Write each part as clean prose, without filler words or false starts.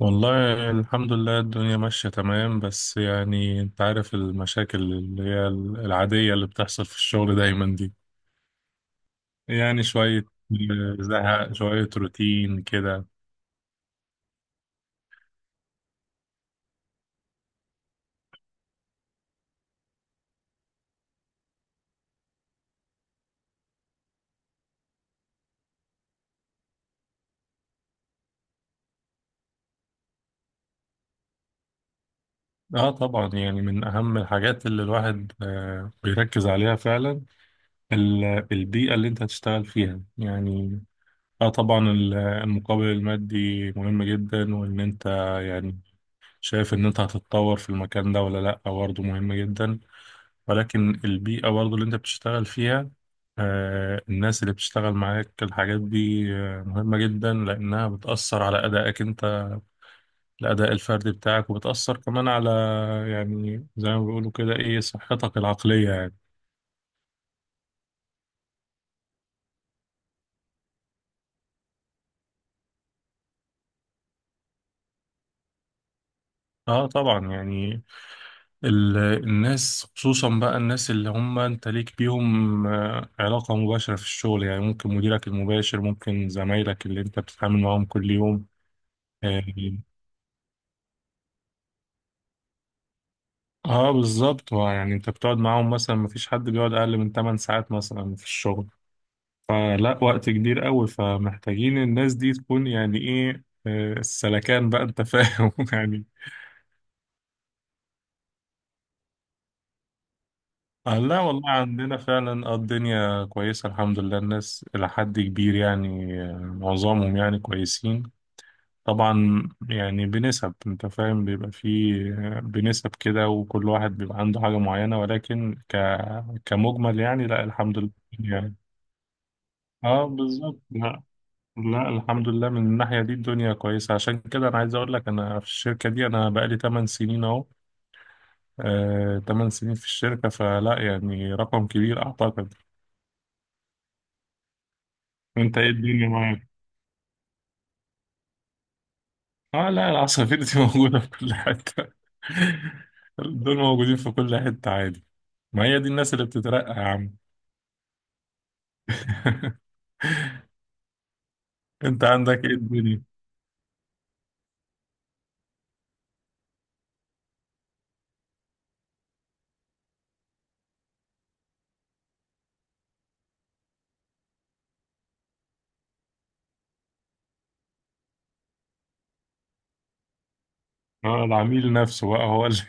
والله الحمد لله، الدنيا ماشية تمام. بس يعني انت عارف المشاكل اللي هي العادية اللي بتحصل في الشغل دايما دي. يعني شوية زهق، شوية روتين كده. اه طبعا، يعني من أهم الحاجات اللي الواحد بيركز عليها فعلا البيئة اللي انت هتشتغل فيها يعني. اه طبعا، المقابل المادي مهم جدا، وان انت يعني شايف ان انت هتتطور في المكان ده ولا لا برضه مهم جدا. ولكن البيئة برضه اللي انت بتشتغل فيها، الناس اللي بتشتغل معاك، الحاجات دي مهمة جدا لأنها بتأثر على أدائك انت، الأداء الفردي بتاعك، وبتأثر كمان على يعني زي ما بيقولوا كده ايه، صحتك العقلية يعني. اه طبعا يعني الناس، خصوصا بقى الناس اللي هم انت ليك بيهم علاقة مباشرة في الشغل، يعني ممكن مديرك المباشر، ممكن زمايلك اللي انت بتتعامل معاهم كل يوم. آه، اه بالظبط. ما يعني انت بتقعد معاهم مثلا، مفيش حد بيقعد اقل من 8 ساعات مثلا في الشغل، فلا وقت كبير قوي. فمحتاجين الناس دي تكون يعني ايه، السلكان بقى، انت فاهم يعني. آه لا والله، عندنا فعلا الدنيا كويسة الحمد لله. الناس إلى حد كبير يعني معظمهم يعني كويسين. طبعا يعني بنسب، انت فاهم، بيبقى فيه بنسب كده، وكل واحد بيبقى عنده حاجة معينة، ولكن كمجمل يعني، لا الحمد لله. يعني. اه بالظبط. لا، لا الحمد لله من الناحية دي الدنيا كويسة. عشان كده أنا عايز أقول لك، أنا في الشركة دي أنا بقالي 8 سنين أهو. آه، 8 سنين في الشركة، فلا يعني رقم كبير أعتقد. أنت إيه الدنيا معاك؟ اه لا، العصافير دي موجودة في كل حتة. دول موجودين في كل حتة عادي. ما هي دي الناس اللي بتترقى يا عم. أنت عندك إيه الدنيا؟ اه، العميل نفسه بقى هو اللي…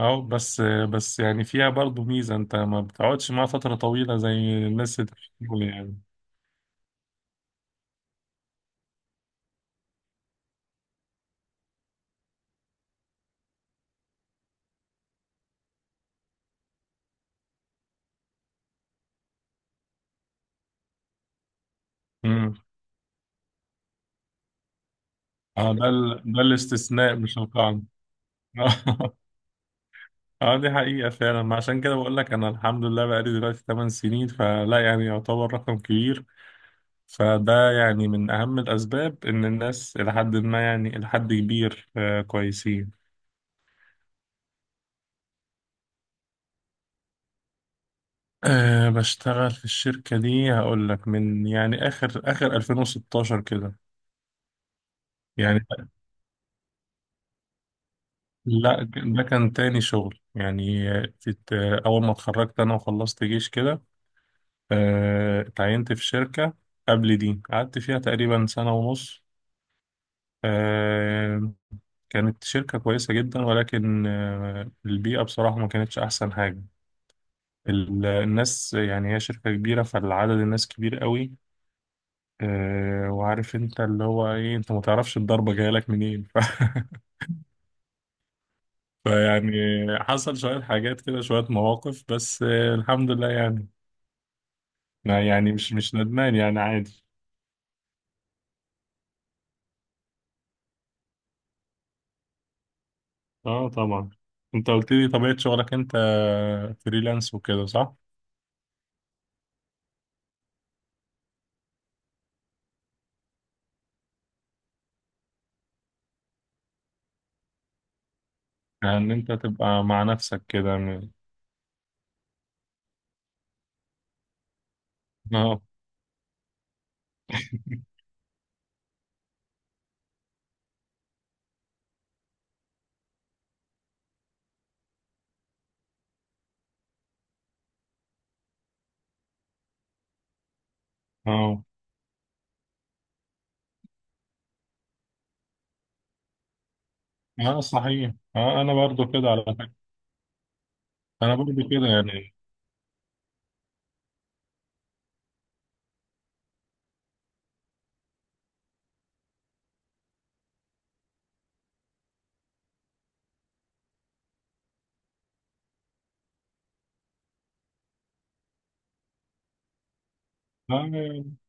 اه، بس يعني فيها برضو ميزة، انت ما بتقعدش معاها فترة طويلة زي الناس اللي في الشغل يعني. امم اه، ده ده الاستثناء مش القاعدة. اه دي حقيقة فعلا. ما عشان كده بقول لك، انا الحمد لله بقالي دلوقتي 8 سنين، فلا يعني يعتبر رقم كبير. فده يعني من اهم الاسباب، ان الناس الى حد ما، يعني الى حد كبير آه كويسين. أه، بشتغل في الشركة دي هقول لك من يعني آخر 2016 كده يعني. لا ده كان تاني شغل يعني. كنت أول ما اتخرجت أنا وخلصت جيش كده اتعينت في شركة قبل دي، قعدت فيها تقريبا سنة ونص. آه، كانت شركة كويسة جدا، ولكن البيئة بصراحة ما كانتش أحسن حاجة. الناس يعني، هي شركة كبيرة فالعدد الناس كبير قوي. وعارف انت اللي هو ايه، انت ما تعرفش الضربة جاية لك منين فيعني حصل شوية حاجات كده، شوية مواقف، بس الحمد لله يعني. لا يعني مش ندمان، يعني عادي. اه طبعا. انت قلت لي طبيعة شغلك انت فريلانس وكده صح؟ يعني ان انت تبقى مع نفسك كده اه. اه، اه صحيح، اه انا برضو كده على فكرة. انا برضو كده يعني. اه.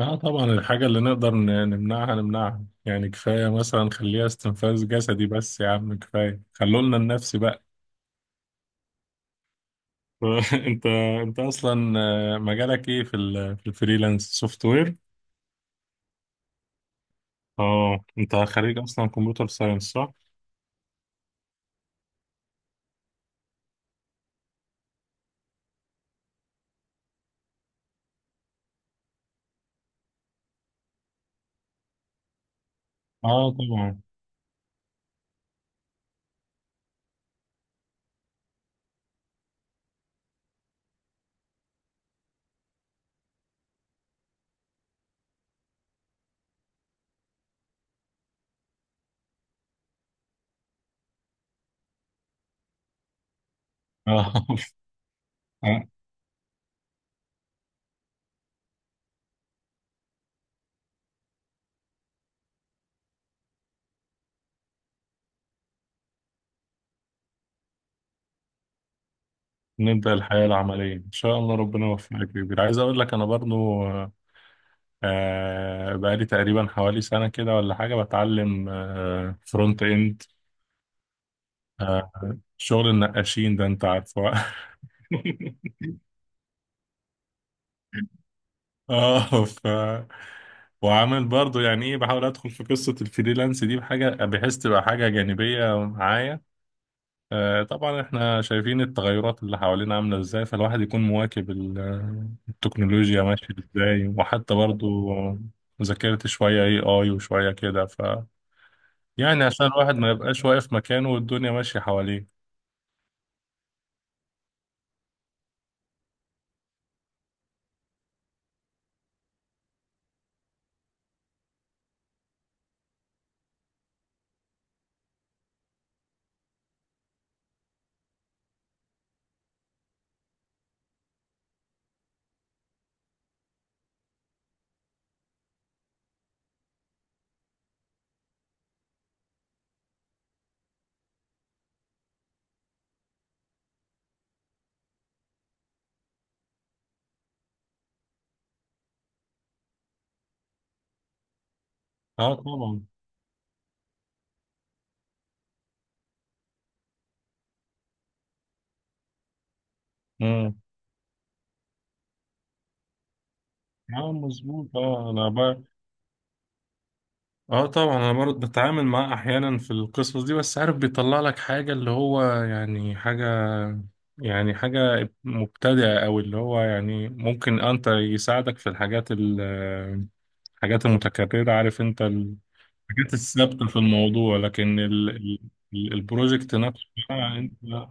طبعا الحاجة اللي نقدر نمنعها نمنعها، يعني كفاية مثلا خليها استنفاذ جسدي بس يا عم، كفاية خلولنا النفسي بقى. انت انت اصلا مجالك ايه في في الفريلانس، سوفت وير؟ اه انت خريج اصلا كمبيوتر ساينس صح؟ اه طبعا. اه. آه، نبدأ الحياة العملية إن شاء الله، ربنا يوفقك يا كبير. عايز أقول لك أنا برضو بقالي تقريبا حوالي سنة كده ولا حاجة بتعلم فرونت إند، شغل النقاشين ده أنت عارفه. اه ف. وعامل برضو يعني إيه، بحاول أدخل في قصة الفريلانس دي بحاجة بحيث تبقى حاجة جانبية معايا. طبعا احنا شايفين التغيرات اللي حوالينا عاملة ازاي، فالواحد يكون مواكب التكنولوجيا ماشية ازاي، وحتى برضو ذاكرت شوية اي اي وشوية كده ف. يعني عشان الواحد ما يبقاش واقف مكانه والدنيا ماشية حواليه. اه طبعا. امم، اه مظبوط. اه انا. اه طبعا، انا برضه بتعامل معاه احيانا في القصص دي، بس عارف بيطلع لك حاجه اللي هو يعني حاجه، يعني حاجه مبتدئه، او اللي هو يعني ممكن انت يساعدك في الحاجات الحاجات المتكرره، عارف انت الحاجات الثابته في الموضوع. لكن البروجكت نفسه بقى انت،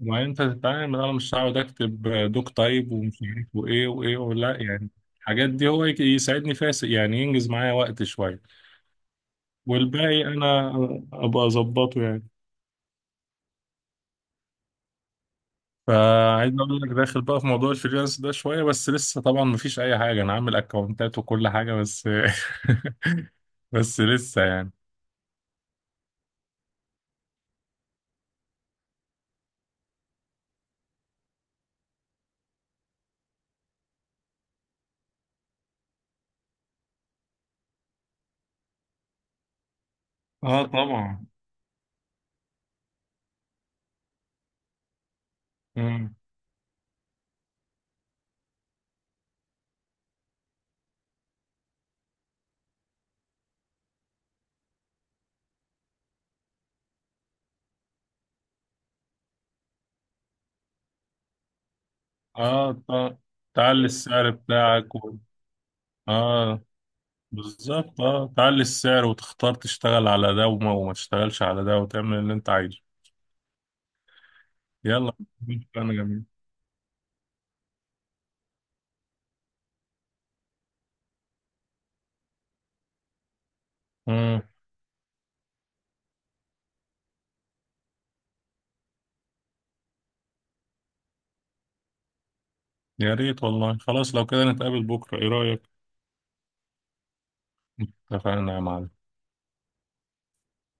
ما انت تتعامل، انا مش هقعد اكتب دوك تايب ومش عارف وايه وايه ولا يعني. الحاجات دي هو يساعدني فيها يعني، ينجز معايا وقت شويه، والباقي انا ابقى اظبطه يعني. فعايز اقول لك، داخل بقى في موضوع الفريلانس ده شويه، بس لسه طبعا مفيش اي حاجه، انا عامل اكونتات وكل حاجه، بس بس لسه يعني. اه طبعا. مم. اه تعلي السعر بتاعك اه بالظبط، اه تعلي السعر، وتختار تشتغل على ده وما تشتغلش على ده، وتعمل اللي انت عايزه. يلا. انا جميل. مم. يا ريت والله. خلاص لو كده نتقابل بكره، ايه رايك؟ اتفقنا يا معلم.